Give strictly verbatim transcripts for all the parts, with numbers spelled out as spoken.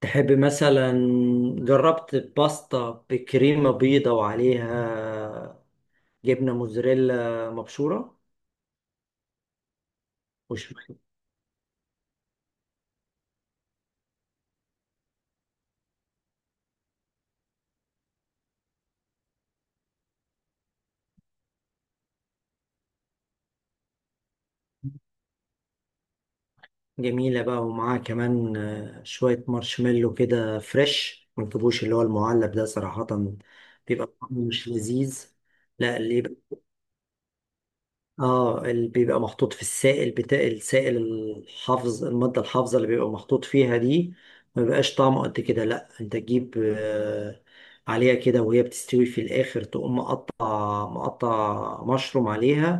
تحب مثلا، جربت باستا بكريمة بيضة وعليها جبنة موزاريلا مبشورة. وش جميلة بقى، ومعاها كمان آه، شوية مارشميلو كده فريش، ما تجيبوش اللي هو المعلب ده صراحة. بيبقى طعمه مش لذيذ. لا ليه، اه اللي بيبقى محطوط في السائل بتاع السائل الحافظ، المادة الحافظة اللي بيبقى محطوط فيها دي، ما بيبقاش طعمه قد كده. لا انت تجيب آه، عليها كده، وهي بتستوي في الاخر تقوم مقطع مقطع مشروم عليها.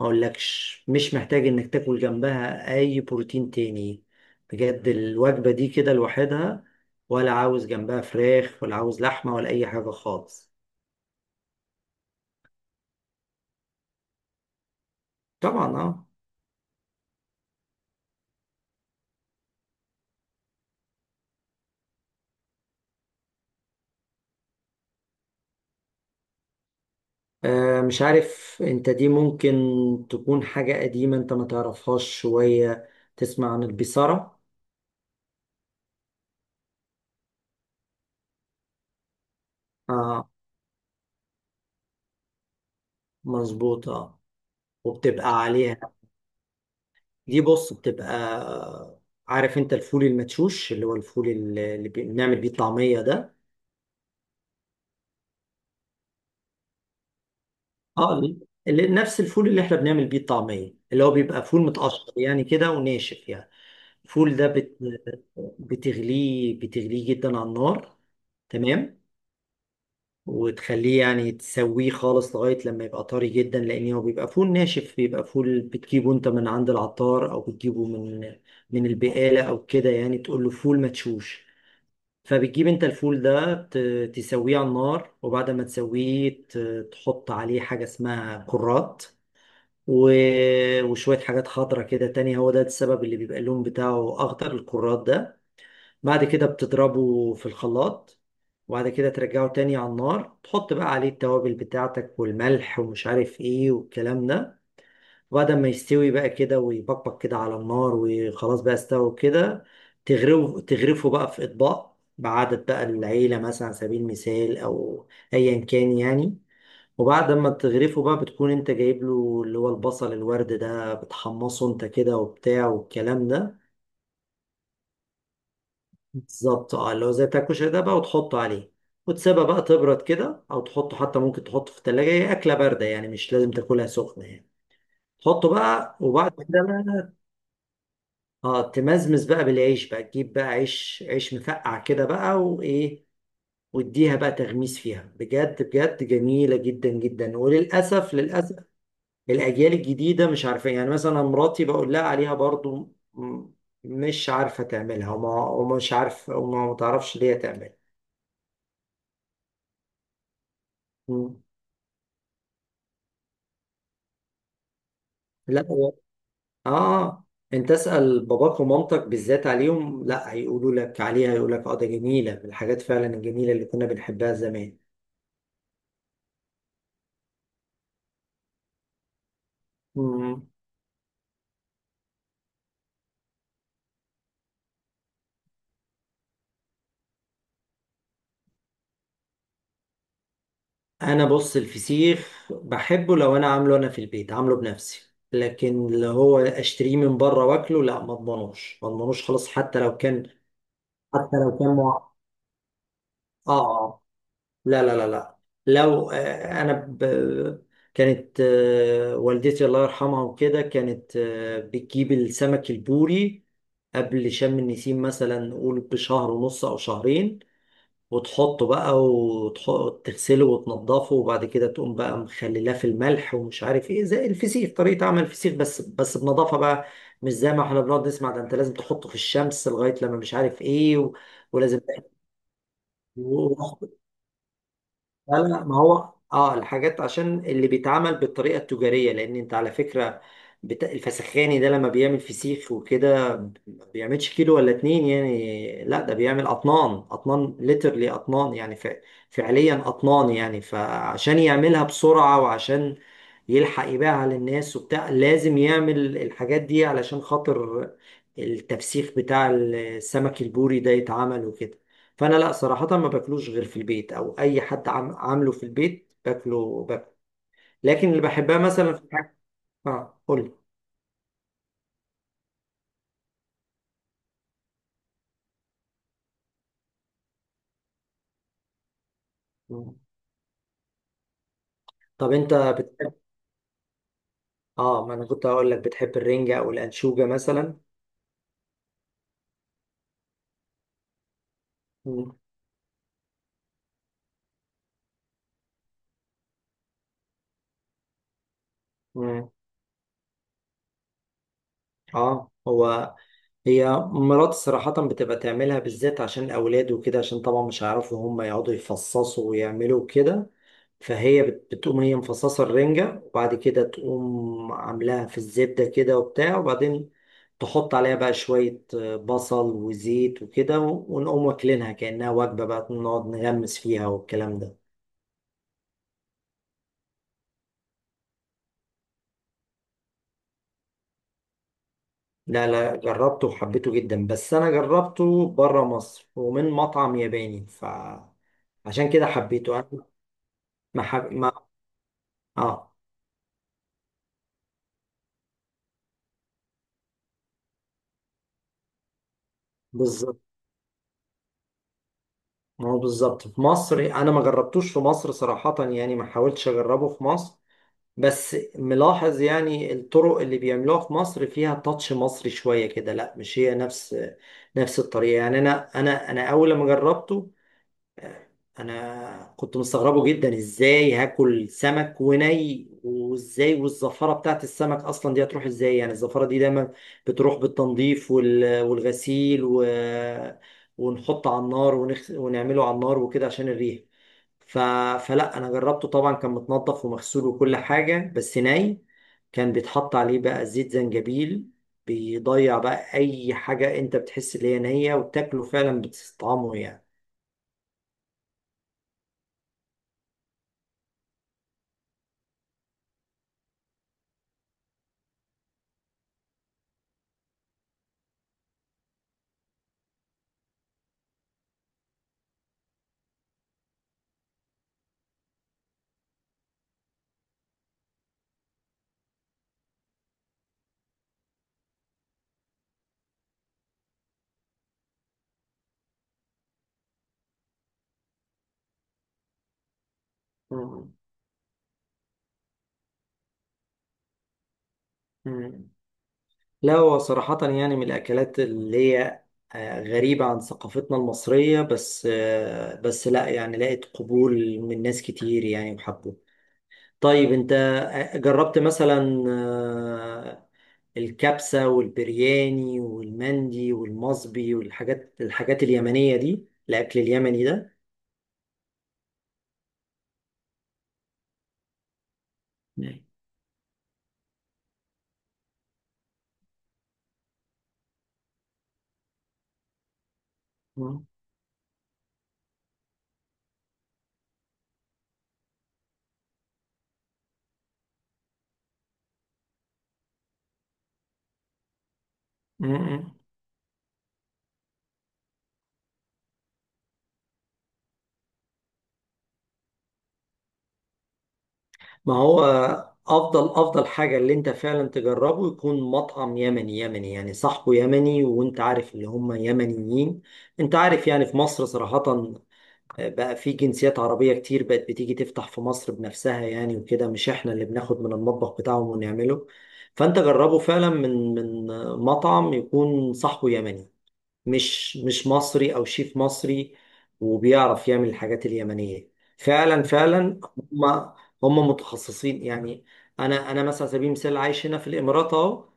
ما اقولكش، مش محتاج انك تاكل جنبها اي بروتين تاني. بجد الوجبة دي كده لوحدها، ولا عاوز جنبها فراخ ولا عاوز لحمة ولا اي حاجة خالص. طبعا اه. آه، مش عارف انت، دي ممكن تكون حاجة قديمة انت ما تعرفهاش شوية. تسمع عن البيسارة؟ اه، مظبوط اه، وبتبقى عليها. دي بص بتبقى آه، عارف انت الفول المدشوش، اللي هو الفول اللي اللي بنعمل بيه الطعمية ده. اه اللي اللي- نفس الفول اللي احنا بنعمل بيه الطعمية، اللي هو بيبقى فول متقشر يعني كده وناشف يعني. الفول ده بت... بتغليه، بتغليه جدا على النار. تمام. وتخليه، يعني تسويه خالص لغاية لما يبقى طري جدا، لأن هو بيبقى فول ناشف، بيبقى فول بتجيبه أنت من عند العطار، أو بتجيبه من من البقالة أو كده، يعني تقول له فول مدشوش. فبتجيب أنت الفول ده، ت- تسويه على النار، وبعد ما تسويه ت- تحط عليه حاجة اسمها كرات، و- وشوية حاجات خضرة كده تانية، هو ده السبب اللي بيبقى اللون بتاعه أخضر، الكرات ده. بعد كده بتضربه في الخلاط، وبعد كده ترجعه تاني على النار، تحط بقى عليه التوابل بتاعتك والملح ومش عارف ايه والكلام ده. وبعد ما يستوي بقى كده ويبقبق كده على النار، وخلاص بقى استوى كده، تغرفه، تغرفه بقى في اطباق، بعدد بقى العيلة مثلا على سبيل المثال، او ايا كان يعني. وبعد ما تغرفه بقى، بتكون انت جايب له اللي هو البصل الورد ده، بتحمصه انت كده وبتاع والكلام ده. بالظبط اه، اللي هو زي تاكوشا ده بقى، وتحطه عليه. وتسيبها بقى تبرد كده، او تحطه حتى، ممكن تحطه في التلاجة، هي اكلة باردة يعني، مش لازم تاكلها سخنة يعني. تحطه بقى، وبعد كده بقى اه، تمزمز بقى بالعيش بقى، تجيب بقى عيش، عيش مفقع كده بقى وايه، واديها بقى تغميس فيها، بجد بجد جميلة جدا جدا. وللأسف، للأسف الأجيال الجديدة مش عارفة، يعني مثلا مراتي بقول لها عليها برضو، م- مش عارفة تعملها، وما، ومش عارف، وما ما تعرفش ليه تعملها. لا هو اه، انت اسال باباك ومامتك بالذات، عليهم لا، هيقولوا لك عليها، هيقول لك اه، ده جميله، من الحاجات فعلا الجميله اللي كنا بنحبها زمان. مم. انا بص، الفسيخ بحبه لو انا عامله انا في البيت، عامله بنفسي، لكن اللي هو اشتريه من بره واكله لا، ما اضمنوش ما اضمنوش خلاص. حتى لو كان حتى لو كان مع... اه آه. لا لا لا لا. لو آه، انا ب... كانت آه، والدتي الله يرحمها وكده، كانت آه، بتجيب السمك البوري قبل شم النسيم مثلا، نقول بشهر ونص او شهرين، وتحطه بقى وتغسله وتنضفه، وبعد كده تقوم بقى مخللاه في الملح ومش عارف ايه، زي الفسيخ، طريقة عمل الفسيخ، بس بس بنضافة بقى، مش زي ما احنا بنقعد نسمع، ده انت لازم تحطه في الشمس لغاية لما مش عارف ايه و... ولازم. لا لا، ما هو اه، الحاجات عشان اللي بيتعمل بالطريقه التجاريه، لان انت على فكره بت... الفسخاني ده لما بيعمل فسيخ وكده، ما بيعملش كيلو ولا اتنين يعني، لا ده بيعمل اطنان اطنان ليترلي اطنان يعني ف... فعليا اطنان يعني، فعشان يعملها بسرعه، وعشان يلحق يبيعها للناس وبتاع، لازم يعمل الحاجات دي علشان خاطر التفسيخ بتاع السمك البوري ده يتعمل وكده. فانا لا صراحه ما باكلوش غير في البيت، او اي حد عم عامله في البيت باكله باكله. لكن اللي بحبها مثلا في الحاجة، اه قول لي. طب انت بتحب، اه ما انا كنت هقول لك، بتحب الرنجة او الانشوجة مثلا؟ مم. مم. اه هو، هي مرات صراحة بتبقى تعملها بالذات عشان الأولاد وكده، عشان طبعا مش هيعرفوا هم يقعدوا يفصصوا ويعملوا كده. فهي بت- بتقوم هي مفصصة الرنجة، وبعد كده تقوم عاملاها في الزبدة كده وبتاع، وبعدين تحط عليها بقى شوية آه، بصل وزيت وكده، ونقوم واكلينها كأنها وجبة بقى، نقعد نغمس فيها والكلام ده. لا لا، جربته وحبيته جدا، بس أنا جربته بره مصر ومن مطعم ياباني، ف عشان كده حبيته أنا. ما, حب... اه، بالظبط. ما هو بالظبط في مصر انا ما جربتوش، في مصر صراحة يعني ما حاولتش اجربه في مصر، بس ملاحظ يعني الطرق اللي بيعملوها في مصر فيها تاتش مصري شوية كده، لا مش هي نفس نفس الطريقة يعني. انا انا انا اول ما جربته انا كنت مستغربه جدا، ازاي هاكل سمك وني، وازاي والزفاره بتاعت السمك اصلا دي هتروح ازاي يعني، الزفاره دي دايما بتروح بالتنظيف وال- والغسيل و... ونحط على النار ونخ... ونعمله على النار وكده عشان الريح ف... فلا انا جربته طبعا، كان متنضف ومغسول وكل حاجه، بس ني، كان بيتحط عليه بقى زيت زنجبيل، بيضيع بقى اي حاجه انت بتحس ان هي نيه، وتاكله فعلا بتستطعمه يعني. مم. لا هو صراحة يعني، من الأكلات اللي هي آه، غريبة عن ثقافتنا المصرية، بس آه، بس لا يعني، لقيت قبول من ناس كتير يعني وحبوه. طيب أنت آه، جربت مثلا آه، الكبسة والبرياني والمندي والمصبي والحاجات، الحاجات اليمنية دي، الأكل اليمني ده؟ نعم. مم. مم. ما هو افضل افضل حاجه اللي انت فعلا تجربه يكون مطعم يمني، يمني يعني صاحبه يمني، وانت عارف اللي هم يمنيين. انت عارف، يعني في مصر صراحه آه، بقى في جنسيات عربيه كتير بقت بتيجي تفتح في مصر بنفسها يعني وكده، مش احنا اللي بناخد من المطبخ بتاعهم ونعمله. فانت جربه فعلا، من من مطعم يكون صاحبه يمني، مش مش مصري او شيف مصري، وبيعرف يعمل الحاجات اليمنيه فعلا، فعلا هم هم متخصصين يعني. انا، انا مثلا على سبيل المثال عايش هنا في الامارات اهو،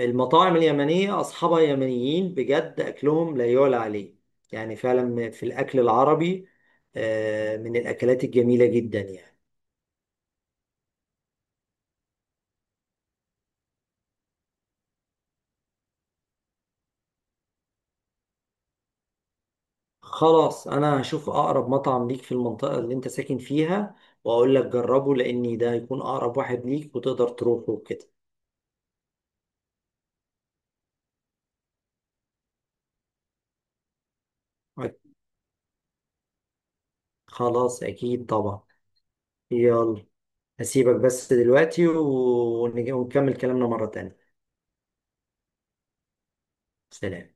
المطاعم اليمنيه اصحابها يمنيين بجد، اكلهم لا يعلى عليه. يعني فعلا في الاكل العربي آه، من الاكلات الجميله جدا يعني. خلاص، انا هشوف اقرب مطعم ليك في المنطقه اللي انت ساكن فيها، واقول لك جربه، لاني ده هيكون اقرب واحد ليك وتقدر تروحه وكده. خلاص، أكيد طبعا. يلا، هسيبك بس دلوقتي، ونج- ونكمل كلامنا مرة تانية. سلام.